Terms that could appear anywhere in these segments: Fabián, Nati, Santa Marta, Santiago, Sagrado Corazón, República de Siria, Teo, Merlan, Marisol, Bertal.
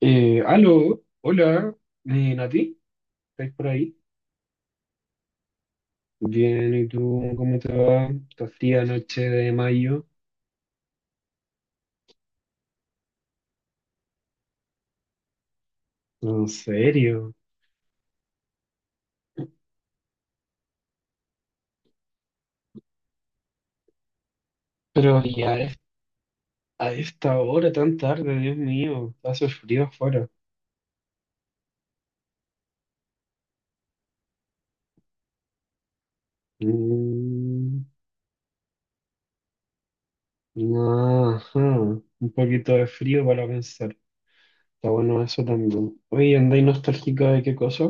Aló, hola, Nati, ¿estás por ahí? Bien, ¿y tú cómo te va? Esta fría noche de mayo. ¿En serio? Pero ya a esta hora tan tarde, Dios mío, hace frío afuera. Mm, ajá, un poquito de frío para pensar. Está bueno eso también. Oye, ¿andáis nostálgica de qué cosa?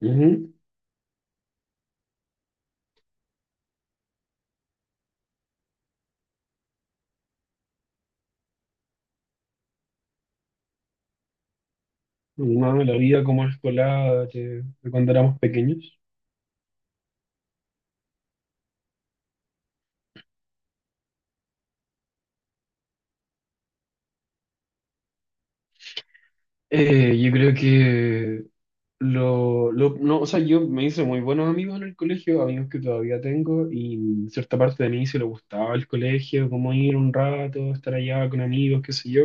Ujú. No, la vida como escolar de cuando éramos pequeños. Yo creo que no, o sea, yo me hice muy buenos amigos en el colegio, amigos que todavía tengo, y cierta parte de mí se le gustaba el colegio, como ir un rato, estar allá con amigos, qué sé yo.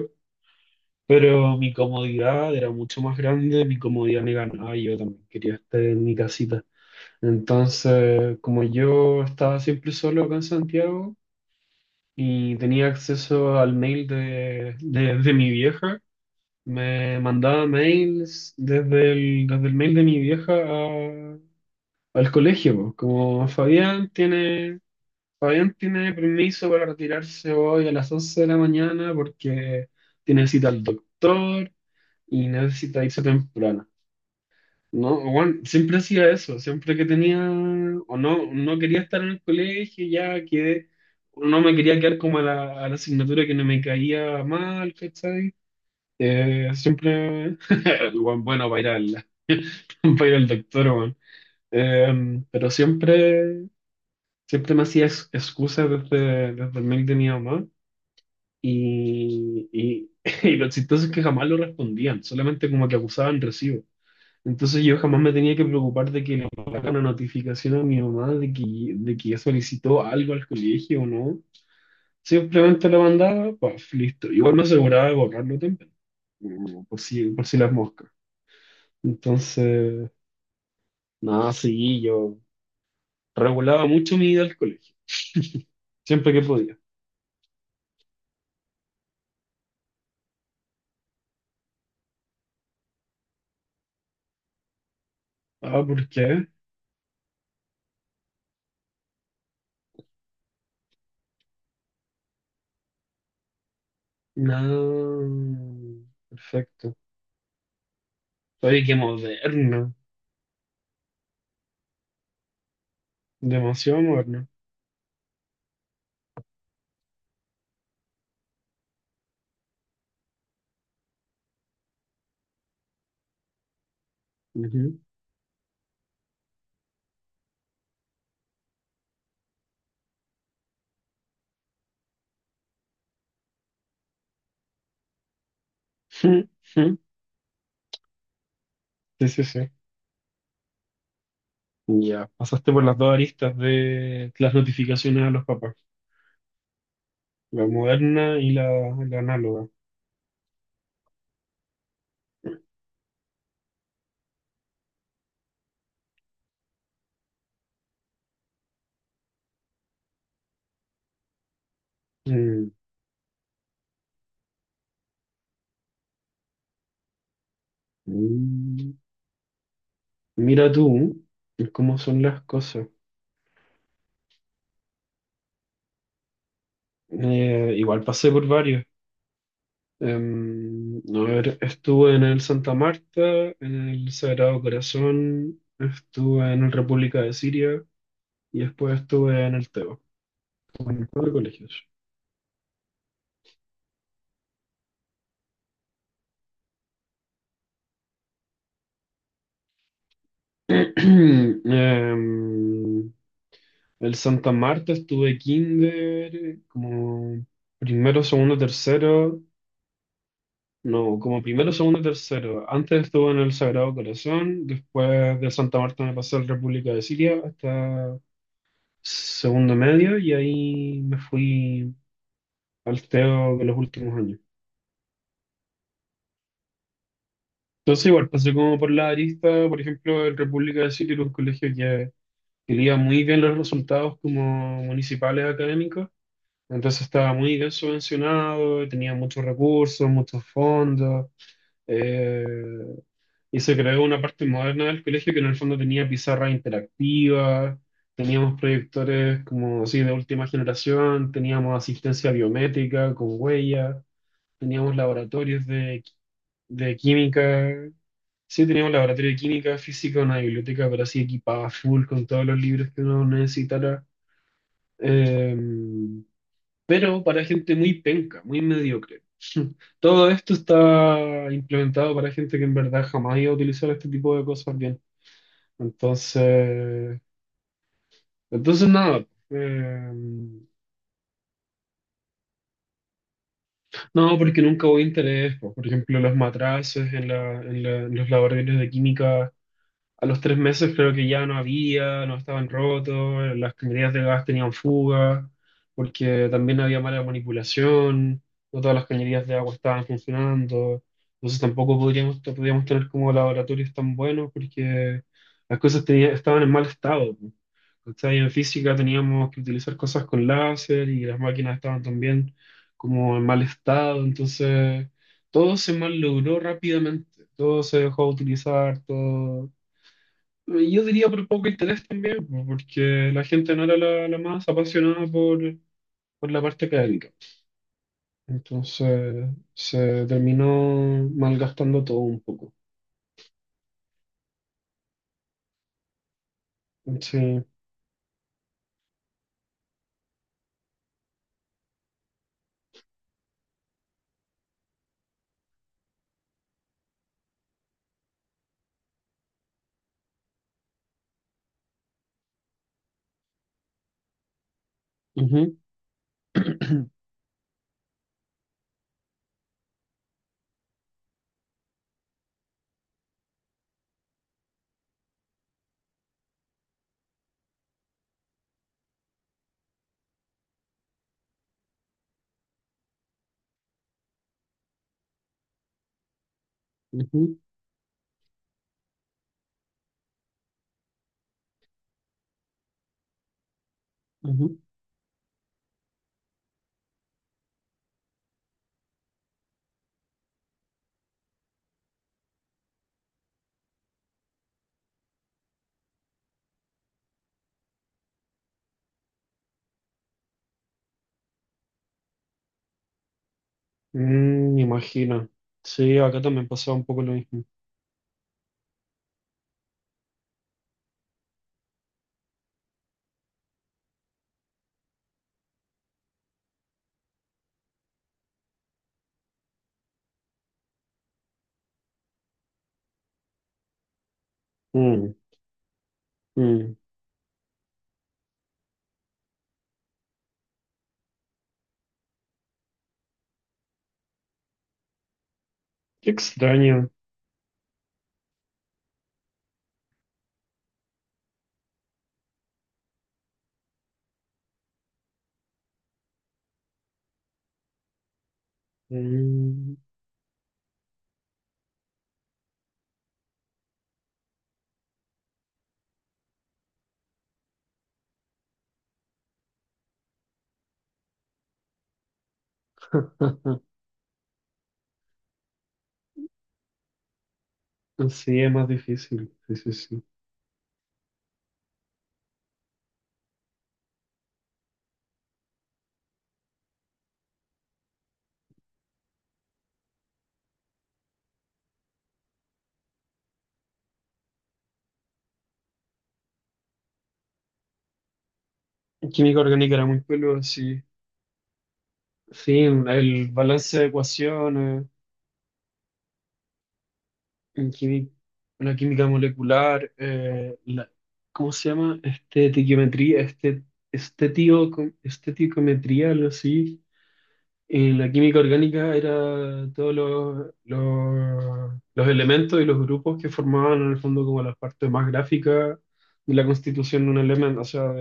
Pero mi comodidad era mucho más grande, mi comodidad me ganaba, y yo también quería estar en mi casita. Entonces, como yo estaba siempre solo acá en Santiago y tenía acceso al mail de mi vieja, me mandaba mails desde el mail de mi vieja al colegio, po. Como Fabián tiene permiso para retirarse hoy a las 11 de la mañana porque tiene cita al doctor y necesita irse temprano. No, bueno, siempre hacía eso, siempre que tenía o no, no quería estar en el colegio, ya que no me quería quedar como a la asignatura que no me caía mal, ¿cachai? Siempre, el weón bueno, para ir al, para ir al doctor, weón. Pero siempre me hacía excusas desde el mail de mi mamá y, y, y lo chistoso es que jamás lo respondían, solamente como que acusaban recibo. Entonces yo jamás me tenía que preocupar de que le llegara una notificación a mi mamá de que ya solicitó algo al colegio o no. Simplemente lo mandaba, pues listo. Igual me aseguraba de borrarlo temprano, por si las moscas. Entonces, nada, sí, yo regulaba mucho mi ida al colegio, siempre que podía. Ah, ¿por qué? No, perfecto. Oye, qué moderno, demasiado moderno. Ujú. Sí, sí, sí. Ya, pasaste por las dos aristas de las notificaciones a los papás, la moderna y la análoga. Mm. Mm. Mira tú cómo son las cosas. Igual pasé por varios. A ver, estuve en el Santa Marta, en el Sagrado Corazón, estuve en el República de Siria. Y después estuve en el Teo, en cuatro colegios. Em, el Santa Marta estuve kinder, como primero, segundo, tercero, no, como primero, segundo, tercero. Antes estuve en el Sagrado Corazón, después de Santa Marta me pasé a la República de Siria hasta segundo medio y ahí me fui al Teo de los últimos años. Entonces igual pasé como por la arista, por ejemplo, el República de Siria era un colegio que quería muy bien los resultados como municipales académicos, entonces estaba muy bien subvencionado, y tenía muchos recursos, muchos fondos, eh, y se creó una parte moderna del colegio que en el fondo tenía pizarra interactiva, teníamos proyectores como así de última generación, teníamos asistencia biométrica con huella, teníamos laboratorios de química. Sí, tenía un laboratorio de química, física, una biblioteca, pero así equipada full con todos los libros que uno necesitara. Eh, pero para gente muy penca, muy mediocre. Todo esto está implementado para gente que en verdad jamás iba a utilizar este tipo de cosas bien. Entonces, entonces, nada. No, porque nunca hubo interés, po. Por ejemplo, los matraces en los laboratorios de química. A los 3 meses creo que ya no había, no estaban rotos, las cañerías de gas tenían fuga, porque también había mala manipulación, no todas las cañerías de agua estaban funcionando, entonces tampoco podríamos, no podíamos tener como laboratorios tan buenos porque las cosas estaban en mal estado. ¿Cachai? En física teníamos que utilizar cosas con láser y las máquinas estaban también como en mal estado, entonces todo se malogró rápidamente, todo se dejó de utilizar, todo yo diría por poco interés también, po, porque la gente no era la más apasionada por la parte académica. Entonces se terminó malgastando todo un poco. Sí. Ujú. Ujú, ujú. Mm, me imagino. Sí, acá también pasaba un poco lo mismo. Mm, mm. Qué extraño. Mm. Sí, es más difícil. Sí, sí, sí. Química orgánica era muy peludo, sí. Sí, el balance de ecuaciones. en quimi- la química molecular, ¿cómo se llama? Estetiquiometría, este, estetio- esteticometría, algo así. En la química orgánica era todos los elementos y los grupos que formaban en el fondo como las partes más gráficas de la constitución de un elemento, o sea,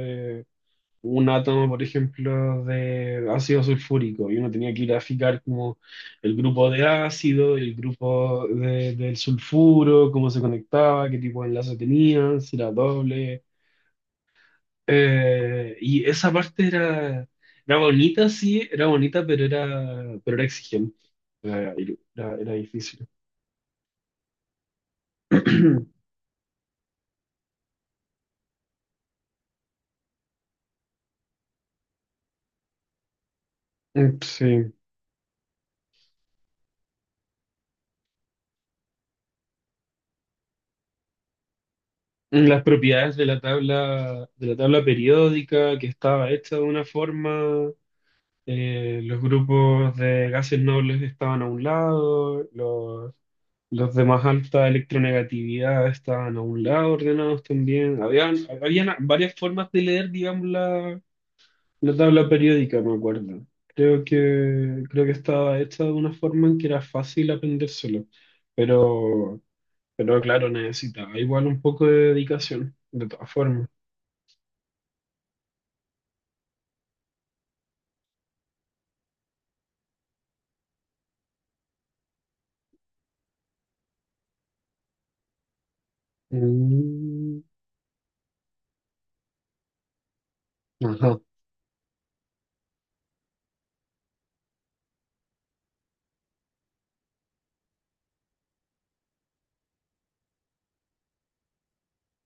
un átomo, por ejemplo, de ácido sulfúrico y uno tenía que graficar como el grupo de ácido, el grupo del sulfuro, cómo se conectaba, qué tipo de enlace tenía, si era doble. Y esa parte era bonita, sí, era bonita, pero era exigente. Era, Era difícil. Sí. Las propiedades de la tabla periódica que estaba hecha de una forma. Los grupos de gases nobles estaban a un lado, los de más alta electronegatividad estaban a un lado, ordenados también. Habían varias formas de leer, digamos, la tabla periódica, me acuerdo. Creo que estaba hecha de una forma en que era fácil aprendérselo, pero, pero claro, necesitaba igual un poco de dedicación, de todas formas. Mm, ajá.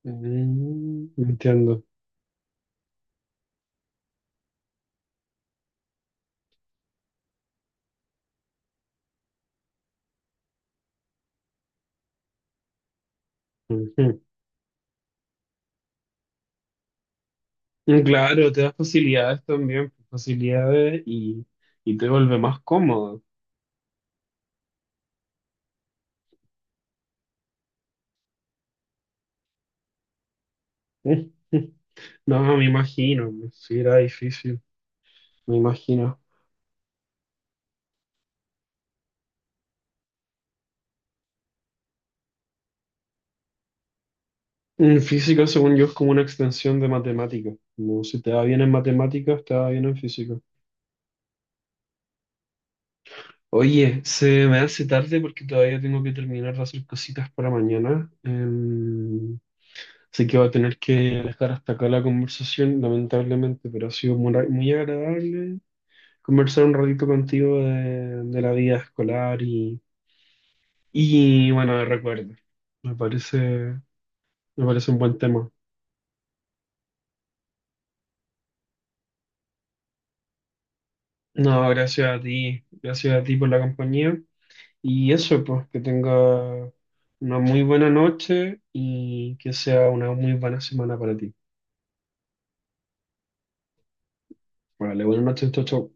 Entiendo. Ujú. Mm, claro, te da facilidades también, facilidades y te vuelve más cómodo. Mm, mm. No, me imagino, sí era difícil, me imagino. Mm. Física, según yo, es como una extensión de matemáticas. No, si te va bien en matemáticas, te va bien en física. Oye, se me hace tarde porque todavía tengo que terminar de hacer cositas para mañana. Así que voy a tener que dejar hasta acá la conversación, lamentablemente, pero ha sido muy, muy agradable conversar un ratito contigo de la vida escolar y bueno, de recuerdos. Me parece, me parece un buen tema. No, gracias a ti por la compañía. Y eso, pues, que tenga una muy buena noche y que sea una muy buena semana para ti. Vale, buenas noches, chau, chau.